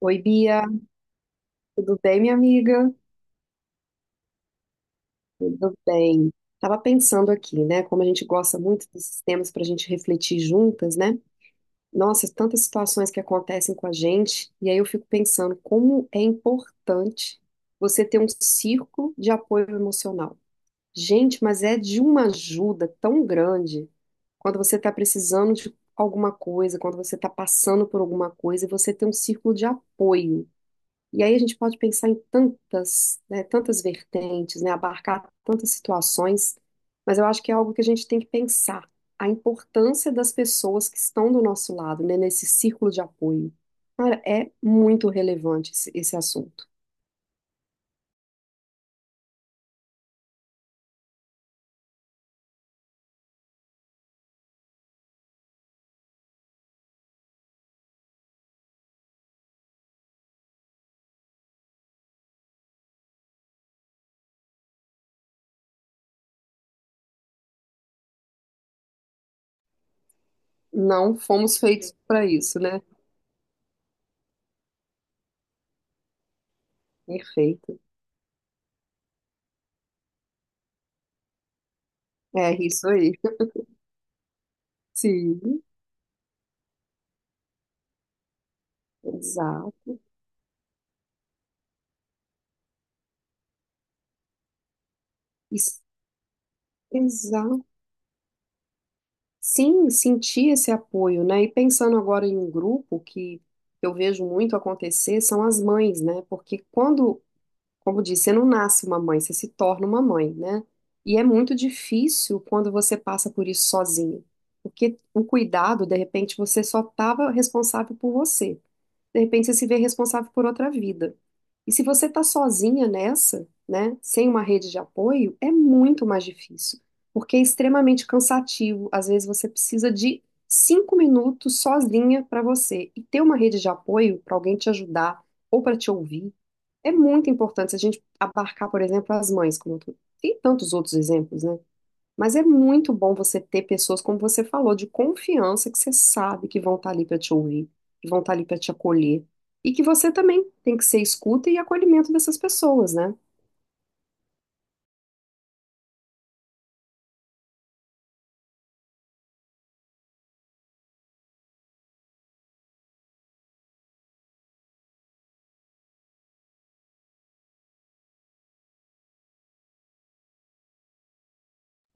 Oi, Bia, tudo bem, minha amiga? Tudo bem. Tava pensando aqui, né? Como a gente gosta muito desses temas para a gente refletir juntas, né? Nossa, tantas situações que acontecem com a gente, e aí eu fico pensando como é importante você ter um círculo de apoio emocional. Gente, mas é de uma ajuda tão grande quando você está precisando de alguma coisa, quando você está passando por alguma coisa, e você tem um círculo de apoio. E aí a gente pode pensar em tantas, né, tantas vertentes, né, abarcar tantas situações, mas eu acho que é algo que a gente tem que pensar, a importância das pessoas que estão do nosso lado, né, nesse círculo de apoio. Cara, é muito relevante esse assunto. Não fomos feitos para isso, né? Perfeito. É isso aí. Sim, exato. Isso- Exato. Sim, sentir esse apoio, né? E pensando agora em um grupo que eu vejo muito acontecer são as mães, né? Porque quando, como disse, você não nasce uma mãe, você se torna uma mãe, né? E é muito difícil quando você passa por isso sozinho, porque o cuidado, de repente, você só estava responsável por você. De repente você se vê responsável por outra vida. E se você está sozinha nessa, né, sem uma rede de apoio, é muito mais difícil, porque é extremamente cansativo. Às vezes você precisa de 5 minutos sozinha para você. E ter uma rede de apoio para alguém te ajudar ou para te ouvir é muito importante. Se a gente abarcar, por exemplo, as mães, como eu tem tantos outros exemplos, né? Mas é muito bom você ter pessoas, como você falou, de confiança, que você sabe que vão estar ali para te ouvir, que vão estar ali para te acolher. E que você também tem que ser escuta e acolhimento dessas pessoas, né?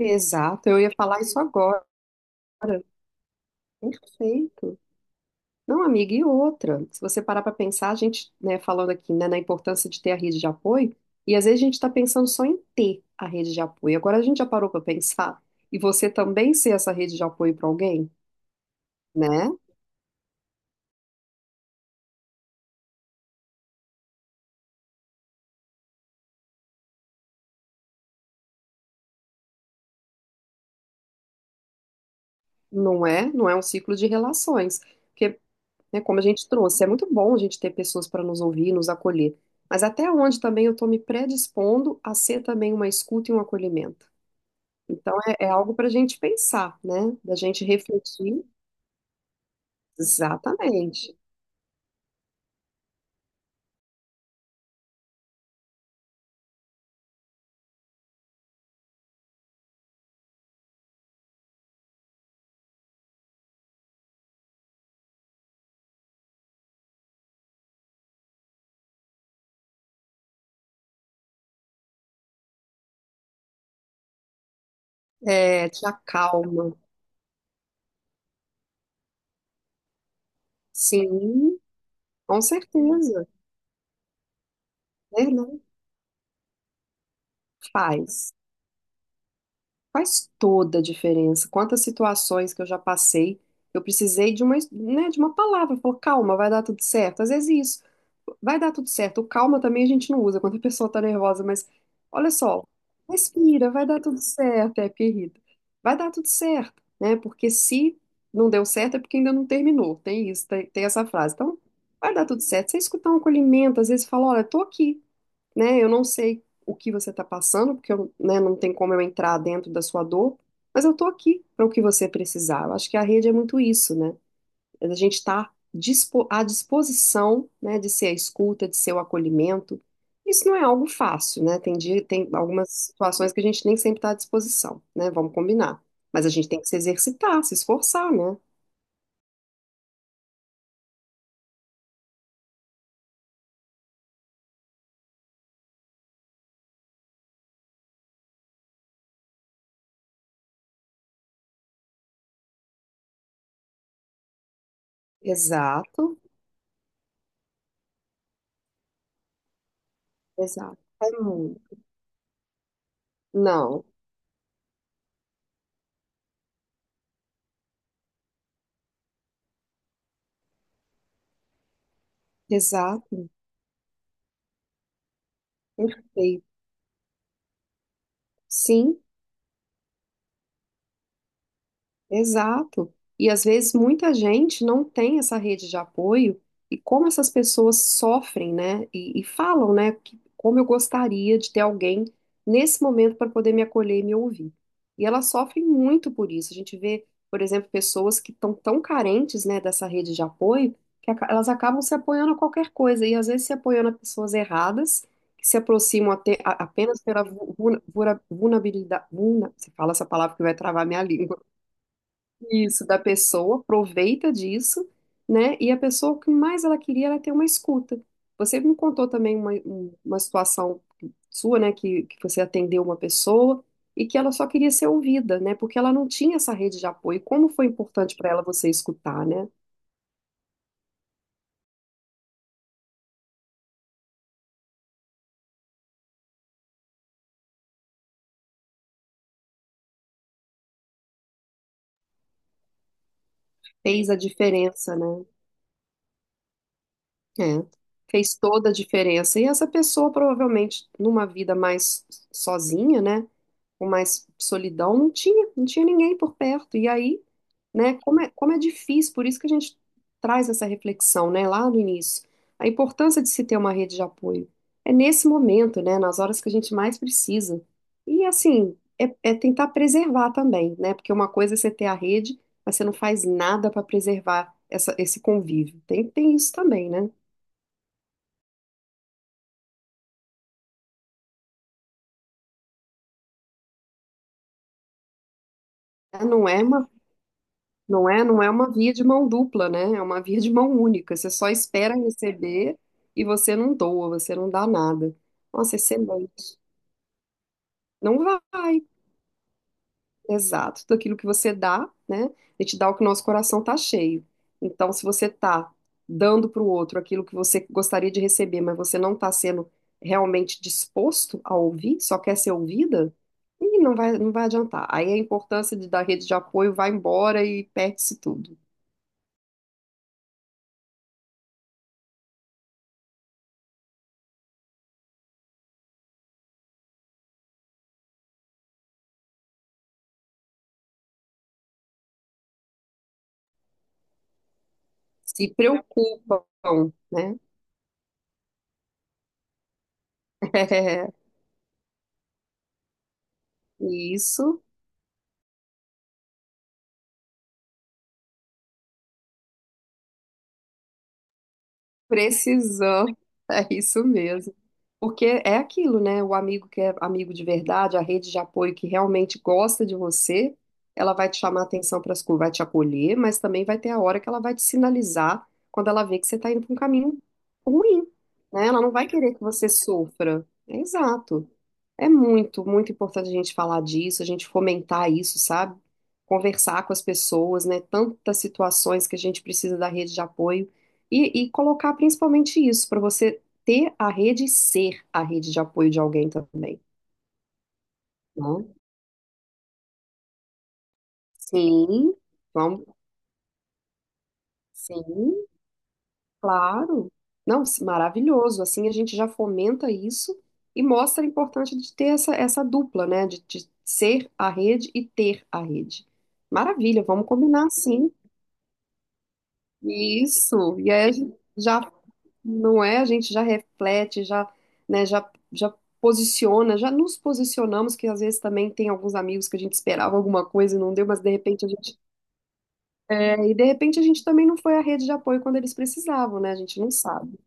Exato, eu ia falar isso agora. Perfeito. Não, amiga, e outra? Se você parar para pensar, a gente, né, falando aqui, né, na importância de ter a rede de apoio, e às vezes a gente está pensando só em ter a rede de apoio. Agora a gente já parou para pensar, e você também ser essa rede de apoio para alguém, né? Não é? Não é um ciclo de relações. Porque, né, como a gente trouxe, é muito bom a gente ter pessoas para nos ouvir, nos acolher. Mas até onde também eu estou me predispondo a ser também uma escuta e um acolhimento. Então, é algo para a gente pensar, né? Da gente refletir. Exatamente. É, te acalma. Sim, com certeza. Verdade. Faz. Faz toda a diferença. Quantas situações que eu já passei, eu precisei de uma, né, de uma palavra. Falou, calma, vai dar tudo certo. Às vezes isso, vai dar tudo certo. O calma também a gente não usa quando a pessoa tá nervosa, mas olha só, respira, vai dar tudo certo. É, porque irrita. Vai dar tudo certo, né? Porque se não deu certo é porque ainda não terminou. Tem isso, tem essa frase. Então, vai dar tudo certo. Você escutar um acolhimento, às vezes fala, olha, tô aqui, né? Eu não sei o que você está passando, porque eu, né, não tem como eu entrar dentro da sua dor, mas eu estou aqui para o que você precisar. Eu acho que a rede é muito isso, né? A gente está à disposição, né, de ser a escuta, de ser o acolhimento. Isso não é algo fácil, né? Tem dia, tem algumas situações que a gente nem sempre está à disposição, né? Vamos combinar. Mas a gente tem que se exercitar, se esforçar, né? Exato, exato. É muito. Não, exato, perfeito. Sim. Exato. E às vezes muita gente não tem essa rede de apoio, e como essas pessoas sofrem, né? e, falam, né? que- como eu gostaria de ter alguém nesse momento para poder me acolher e me ouvir. E elas sofrem muito por isso. A gente vê, por exemplo, pessoas que estão tão carentes, né, dessa rede de apoio, que elas acabam se apoiando a qualquer coisa, e às vezes se apoiando a pessoas erradas, que se aproximam apenas pela vulnerabilidade. Você fala essa palavra que vai travar minha língua isso, da pessoa, aproveita disso, né? E a pessoa, o que mais ela queria era ter uma escuta. Você me contou também uma situação sua, né? Que você atendeu uma pessoa e que ela só queria ser ouvida, né? Porque ela não tinha essa rede de apoio. Como foi importante para ela você escutar, né? Fez a diferença, né? É, fez toda a diferença. E essa pessoa, provavelmente, numa vida mais sozinha, né? Com mais solidão não tinha ninguém por perto. E aí, né, como é difícil, por isso que a gente traz essa reflexão, né, lá no início, a importância de se ter uma rede de apoio. É nesse momento, né, nas horas que a gente mais precisa. E assim, é, é tentar preservar também, né, porque uma coisa é você ter a rede, mas você não faz nada para preservar essa, esse convívio. Tem isso também, né? Não é uma Não é, não é uma via de mão dupla, né? É uma via de mão única. Você só espera receber e você não doa, você não dá nada. Nossa, excelente. Não vai. Exato. Tudo aquilo que você dá, né? A gente dá o que o nosso coração tá cheio. Então, se você tá dando para o outro aquilo que você gostaria de receber, mas você não tá sendo realmente disposto a ouvir, só quer ser ouvida, e não vai, não vai adiantar. Aí a importância de, da rede de apoio vai embora e perde-se tudo. Se preocupam, né? É, isso precisamos, é isso mesmo. Porque é aquilo, né? O amigo que é amigo de verdade, a rede de apoio que realmente gosta de você, ela vai te chamar atenção para as coisas, vai te acolher, mas também vai ter a hora que ela vai te sinalizar quando ela vê que você está indo para um caminho ruim, né? Ela não vai querer que você sofra. É exato. É muito, muito importante a gente falar disso, a gente fomentar isso, sabe? Conversar com as pessoas, né? Tantas situações que a gente precisa da rede de apoio e, colocar principalmente isso, para você ter a rede e ser a rede de apoio de alguém também, né? Sim, vamos, sim, claro. Não, maravilhoso. Assim a gente já fomenta isso e mostra a importância de ter essa, dupla, né? de ser a rede e ter a rede. Maravilha, vamos combinar sim. Isso. E aí a gente já não é, a gente já reflete, já, né, já posiciona, já nos posicionamos, que às vezes também tem alguns amigos que a gente esperava alguma coisa e não deu, mas de repente a gente é, e de repente a gente também não foi a rede de apoio quando eles precisavam, né? A gente não sabe.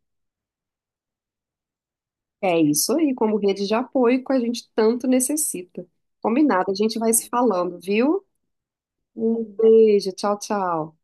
É isso aí, como rede de apoio que a gente tanto necessita. Combinado, a gente vai se falando, viu? Um beijo, tchau, tchau.